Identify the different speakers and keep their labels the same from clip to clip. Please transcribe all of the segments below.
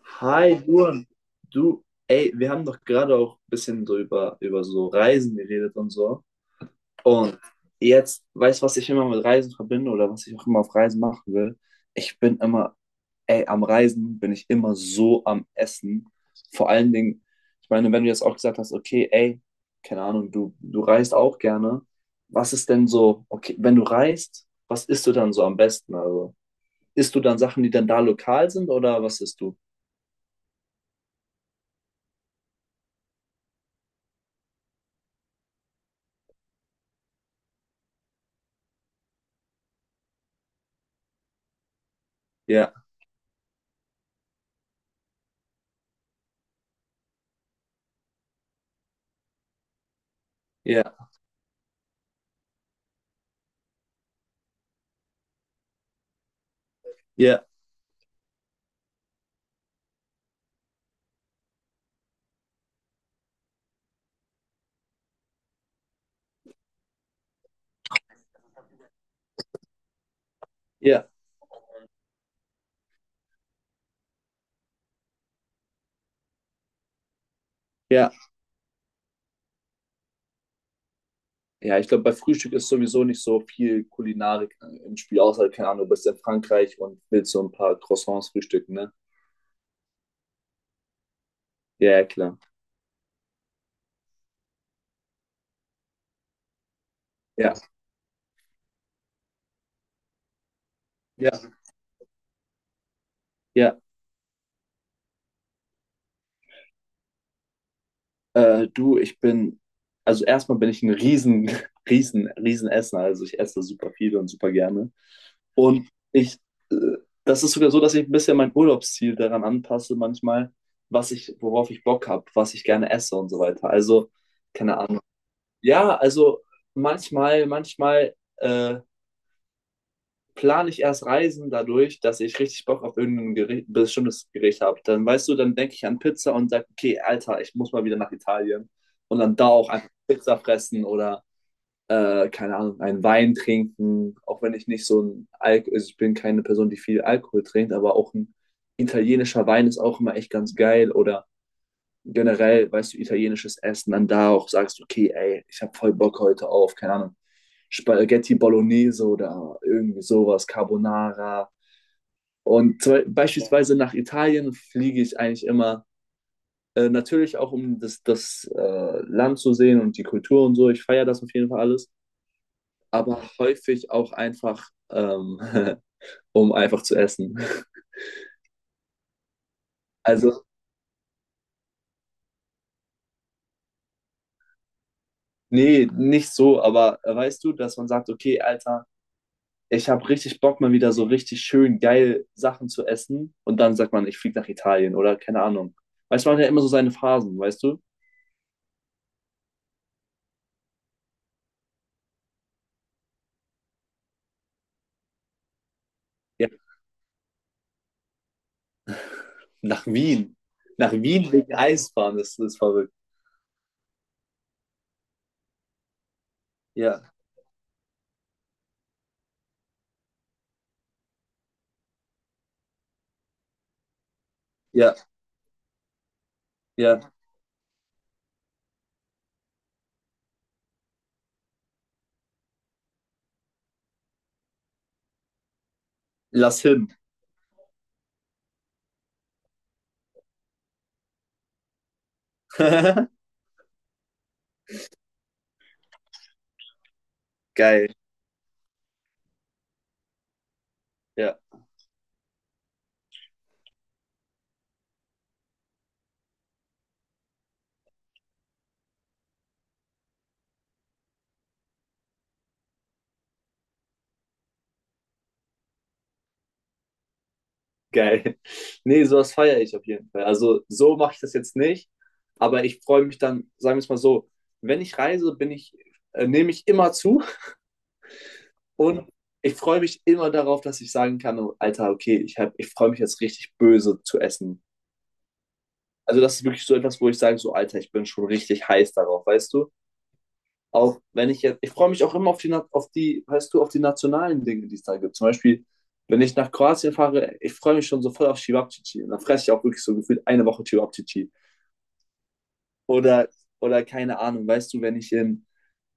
Speaker 1: Hi, Duan. Du, ey, wir haben doch gerade auch ein bisschen so über so Reisen geredet und so. Und jetzt, weißt du, was ich immer mit Reisen verbinde oder was ich auch immer auf Reisen machen will? Ich bin immer, ey, am Reisen bin ich immer so am Essen. Vor allen Dingen, ich meine, wenn du jetzt auch gesagt hast, okay, ey, keine Ahnung, du reist auch gerne. Was ist denn so, okay, wenn du reist, was isst du dann so am besten? Also, isst du dann Sachen, die dann da lokal sind oder was isst du? Ja, ja. Ja, ja, ja. Ja, ich glaube, bei Frühstück ist sowieso nicht so viel Kulinarik im Spiel, außer, keine Ahnung, du bist in Frankreich und willst so ein paar Croissants frühstücken, ne? Ja, ja, klar. Ja, ja, ja. Du, ich bin, also erstmal bin ich ein riesen, riesen, riesen Esser. Also ich esse super viel und super gerne. Und ich, äh, das ist sogar so, dass ich ein bisschen mein Urlaubsziel daran anpasse manchmal, was ich, worauf ich Bock habe, was ich gerne esse und so weiter. Also, keine Ahnung. Ja, also manchmal, manchmal plane ich erst Reisen dadurch, dass ich richtig Bock auf irgendein Gericht, bestimmtes Gericht habe. Dann weißt du, dann denke ich an Pizza und sage, okay, Alter, ich muss mal wieder nach Italien. Und dann da auch einfach Pizza fressen oder, keine Ahnung, einen Wein trinken. Auch wenn ich nicht so ein Alk, also ich bin keine Person, die viel Alkohol trinkt, aber auch ein italienischer Wein ist auch immer echt ganz geil. Oder generell, weißt du, italienisches Essen, dann da auch sagst, okay, ey, ich habe voll Bock heute auf, keine Ahnung, Spaghetti Bolognese oder irgendwie sowas, Carbonara. Und zum, beispielsweise nach Italien fliege ich eigentlich immer, natürlich auch um das Land zu sehen und die Kultur und so. Ich feiere das auf jeden Fall alles, aber häufig auch einfach, um einfach zu essen. Also, nee, nicht so, aber weißt du, dass man sagt, okay, Alter, ich habe richtig Bock, mal wieder so richtig schön geil Sachen zu essen. Und dann sagt man, ich fliege nach Italien oder keine Ahnung. Weißt du, man hat ja immer so seine Phasen, weißt du? Ja, nach Wien. Nach Wien wegen Eisbahn, das ist verrückt. Ja, ja, ja. Lass hin. Geil, ja, geil. Nee, sowas feiere ich auf jeden Fall. Also so mache ich das jetzt nicht, aber ich freue mich dann, sagen wir es mal so, wenn ich reise, bin ich, nehme ich immer zu. Und ich freue mich immer darauf, dass ich sagen kann, oh, Alter, okay, ich, ich freue mich jetzt richtig böse zu essen. Also das ist wirklich so etwas, wo ich sage, so Alter, ich bin schon richtig heiß darauf, weißt du? Auch wenn ich jetzt, ich freue mich auch immer auf die, auf die, weißt du, auf die nationalen Dinge, die es da gibt. Zum Beispiel, wenn ich nach Kroatien fahre, ich freue mich schon so voll auf Cevapcici. Und dann fresse ich auch wirklich so gefühlt eine Woche Cevapcici. Oder, oder keine Ahnung, weißt du, wenn ich in,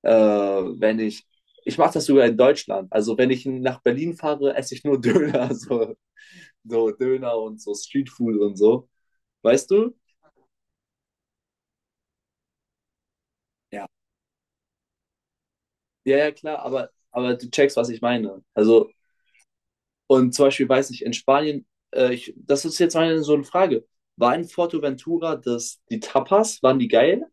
Speaker 1: wenn ich, ich mache das sogar in Deutschland. Also wenn ich nach Berlin fahre, esse ich nur Döner, so. So Döner und so Streetfood und so. Weißt du? Ja. Ja, ja, klar, aber du checkst, was ich meine. Also, und zum Beispiel, weiß ich, in Spanien, ich, das ist jetzt meine so eine Frage. War in Forteventura das, die Tapas, waren die geil?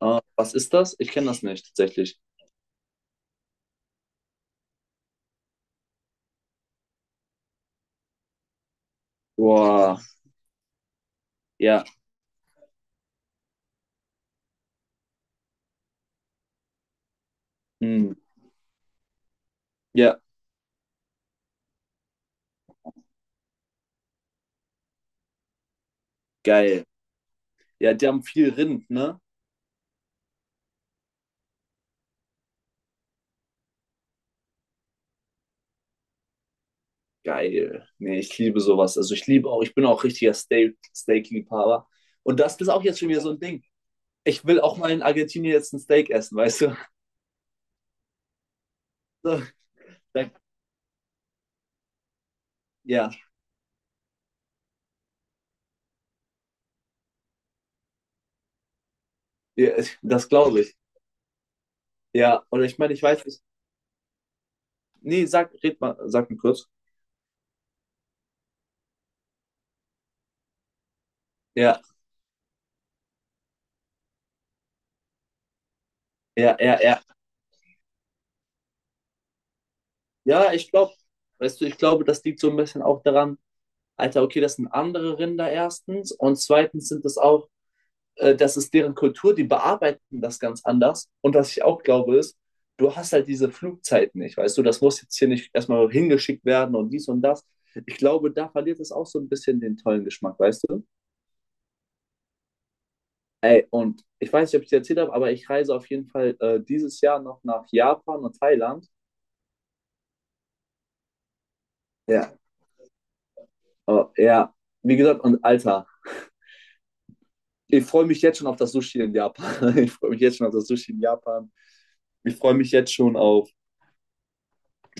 Speaker 1: Was ist das? Ich kenne das nicht tatsächlich. Boah, ja, hm, ja, geil. Ja, die haben viel Rind, ne? Geil. Nee, ich liebe sowas. Also ich liebe auch, ich bin auch richtiger Steak, Steak-Liebhaber. Und das ist auch jetzt schon wieder so ein Ding. Ich will auch mal in Argentinien jetzt ein Steak essen, weißt du? So, dann- ja, ja, das glaube ich. Ja, oder ich meine, ich weiß nicht. Nee, sag, red mal, sag mir kurz. Ja, ja, ja, ja. Ja, ich glaube, weißt du, ich glaube, das liegt so ein bisschen auch daran, Alter, okay, das sind andere Rinder erstens und zweitens sind das auch das ist deren Kultur, die bearbeiten das ganz anders. Und was ich auch glaube ist, du hast halt diese Flugzeiten nicht, weißt du, das muss jetzt hier nicht erstmal hingeschickt werden und dies und das. Ich glaube, da verliert es auch so ein bisschen den tollen Geschmack, weißt du? Ey, und ich weiß nicht, ob ich dir erzählt habe, aber ich reise auf jeden Fall dieses Jahr noch nach Japan und Thailand. Ja, oh, ja, wie gesagt, und Alter, ich freue mich jetzt schon auf das Sushi in Japan. Ich freue mich jetzt schon auf das Sushi in Japan. Ich freue mich jetzt schon auf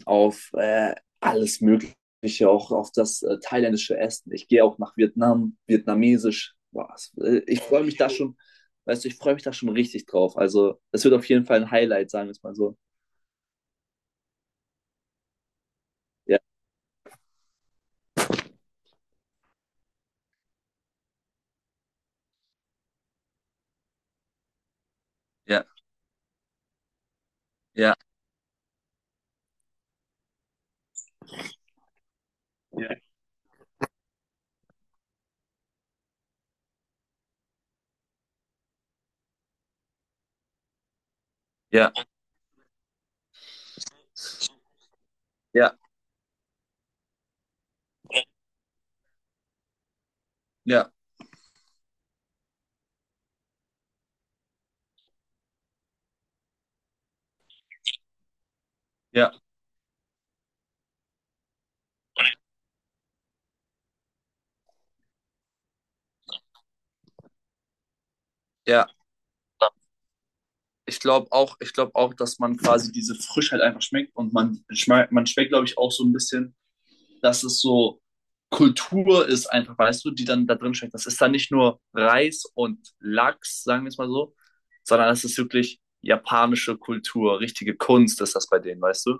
Speaker 1: auf äh, alles Mögliche, auch auf das thailändische Essen. Ich gehe auch nach Vietnam, vietnamesisch. Boah, ich freue mich da schon, weißt du, ich freue mich da schon richtig drauf. Also, es wird auf jeden Fall ein Highlight, sagen wir es mal so. Ja, ja, ja, ja, ja, ja, ja, ja, ja. Ich glaube auch, dass man quasi diese Frischheit einfach schmeckt und man schmeckt, glaube ich, auch so ein bisschen, dass es so Kultur ist, einfach, weißt du, die dann da drin steckt. Das ist dann nicht nur Reis und Lachs, sagen wir es mal so, sondern es ist wirklich japanische Kultur, richtige Kunst ist das bei denen, weißt du?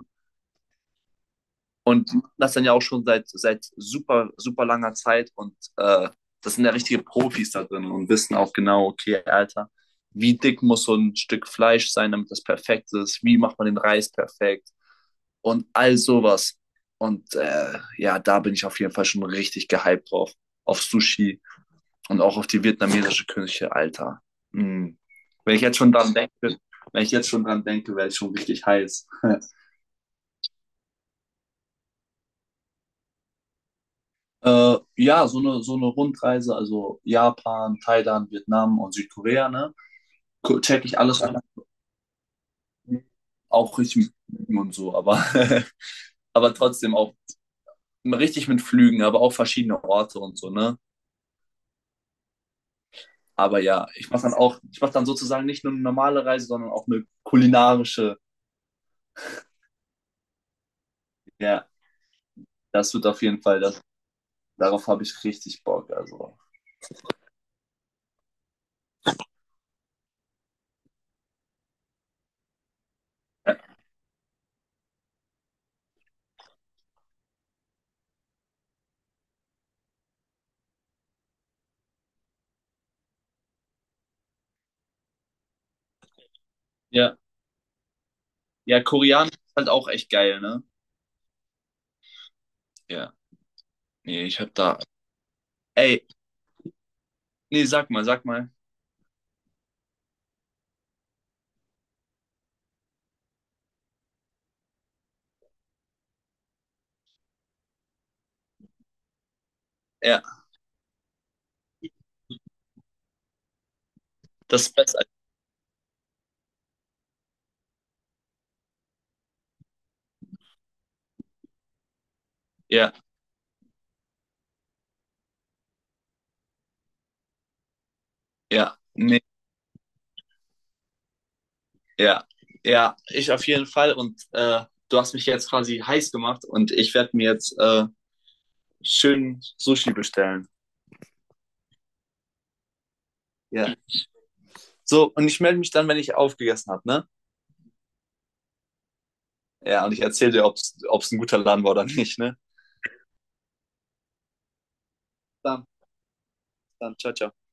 Speaker 1: Und die machen das dann ja auch schon seit super, super langer Zeit und das sind ja richtige Profis da drin und wissen auch genau, okay, Alter, wie dick muss so ein Stück Fleisch sein, damit das perfekt ist, wie macht man den Reis perfekt, und all sowas. Und ja, da bin ich auf jeden Fall schon richtig gehypt drauf. Auf Sushi und auch auf die vietnamesische Küche, Alter. Mm. Wenn ich jetzt schon dran denke, wenn ich jetzt schon dran denke, werde ich schon richtig heiß. Ja, so eine Rundreise, also Japan, Thailand, Vietnam und Südkorea, ne? Check ich alles an. Auch richtig mit Flügen und so, aber, aber trotzdem auch richtig mit Flügen, aber auch verschiedene Orte und so, ne? Aber ja, ich mache dann auch, ich mache dann sozusagen nicht nur eine normale Reise, sondern auch eine kulinarische. Ja, das wird auf jeden Fall, das, darauf habe ich richtig Bock. Also, ja, ja, ja, Koreanisch ist halt auch echt geil, ne? Ja, nee, ich habe da, ey, nee, sag mal, sag mal. Ja, das ist besser. Ja, ja, nee, ja, ja, ich auf jeden Fall. Und du hast mich jetzt quasi heiß gemacht und ich werde mir jetzt schön Sushi bestellen. Ja. So, und ich melde mich dann, wenn ich aufgegessen habe, ne? Ja, und ich erzähle dir, ob es ein guter Laden war oder nicht, ne? Dann, dann, ciao, ciao.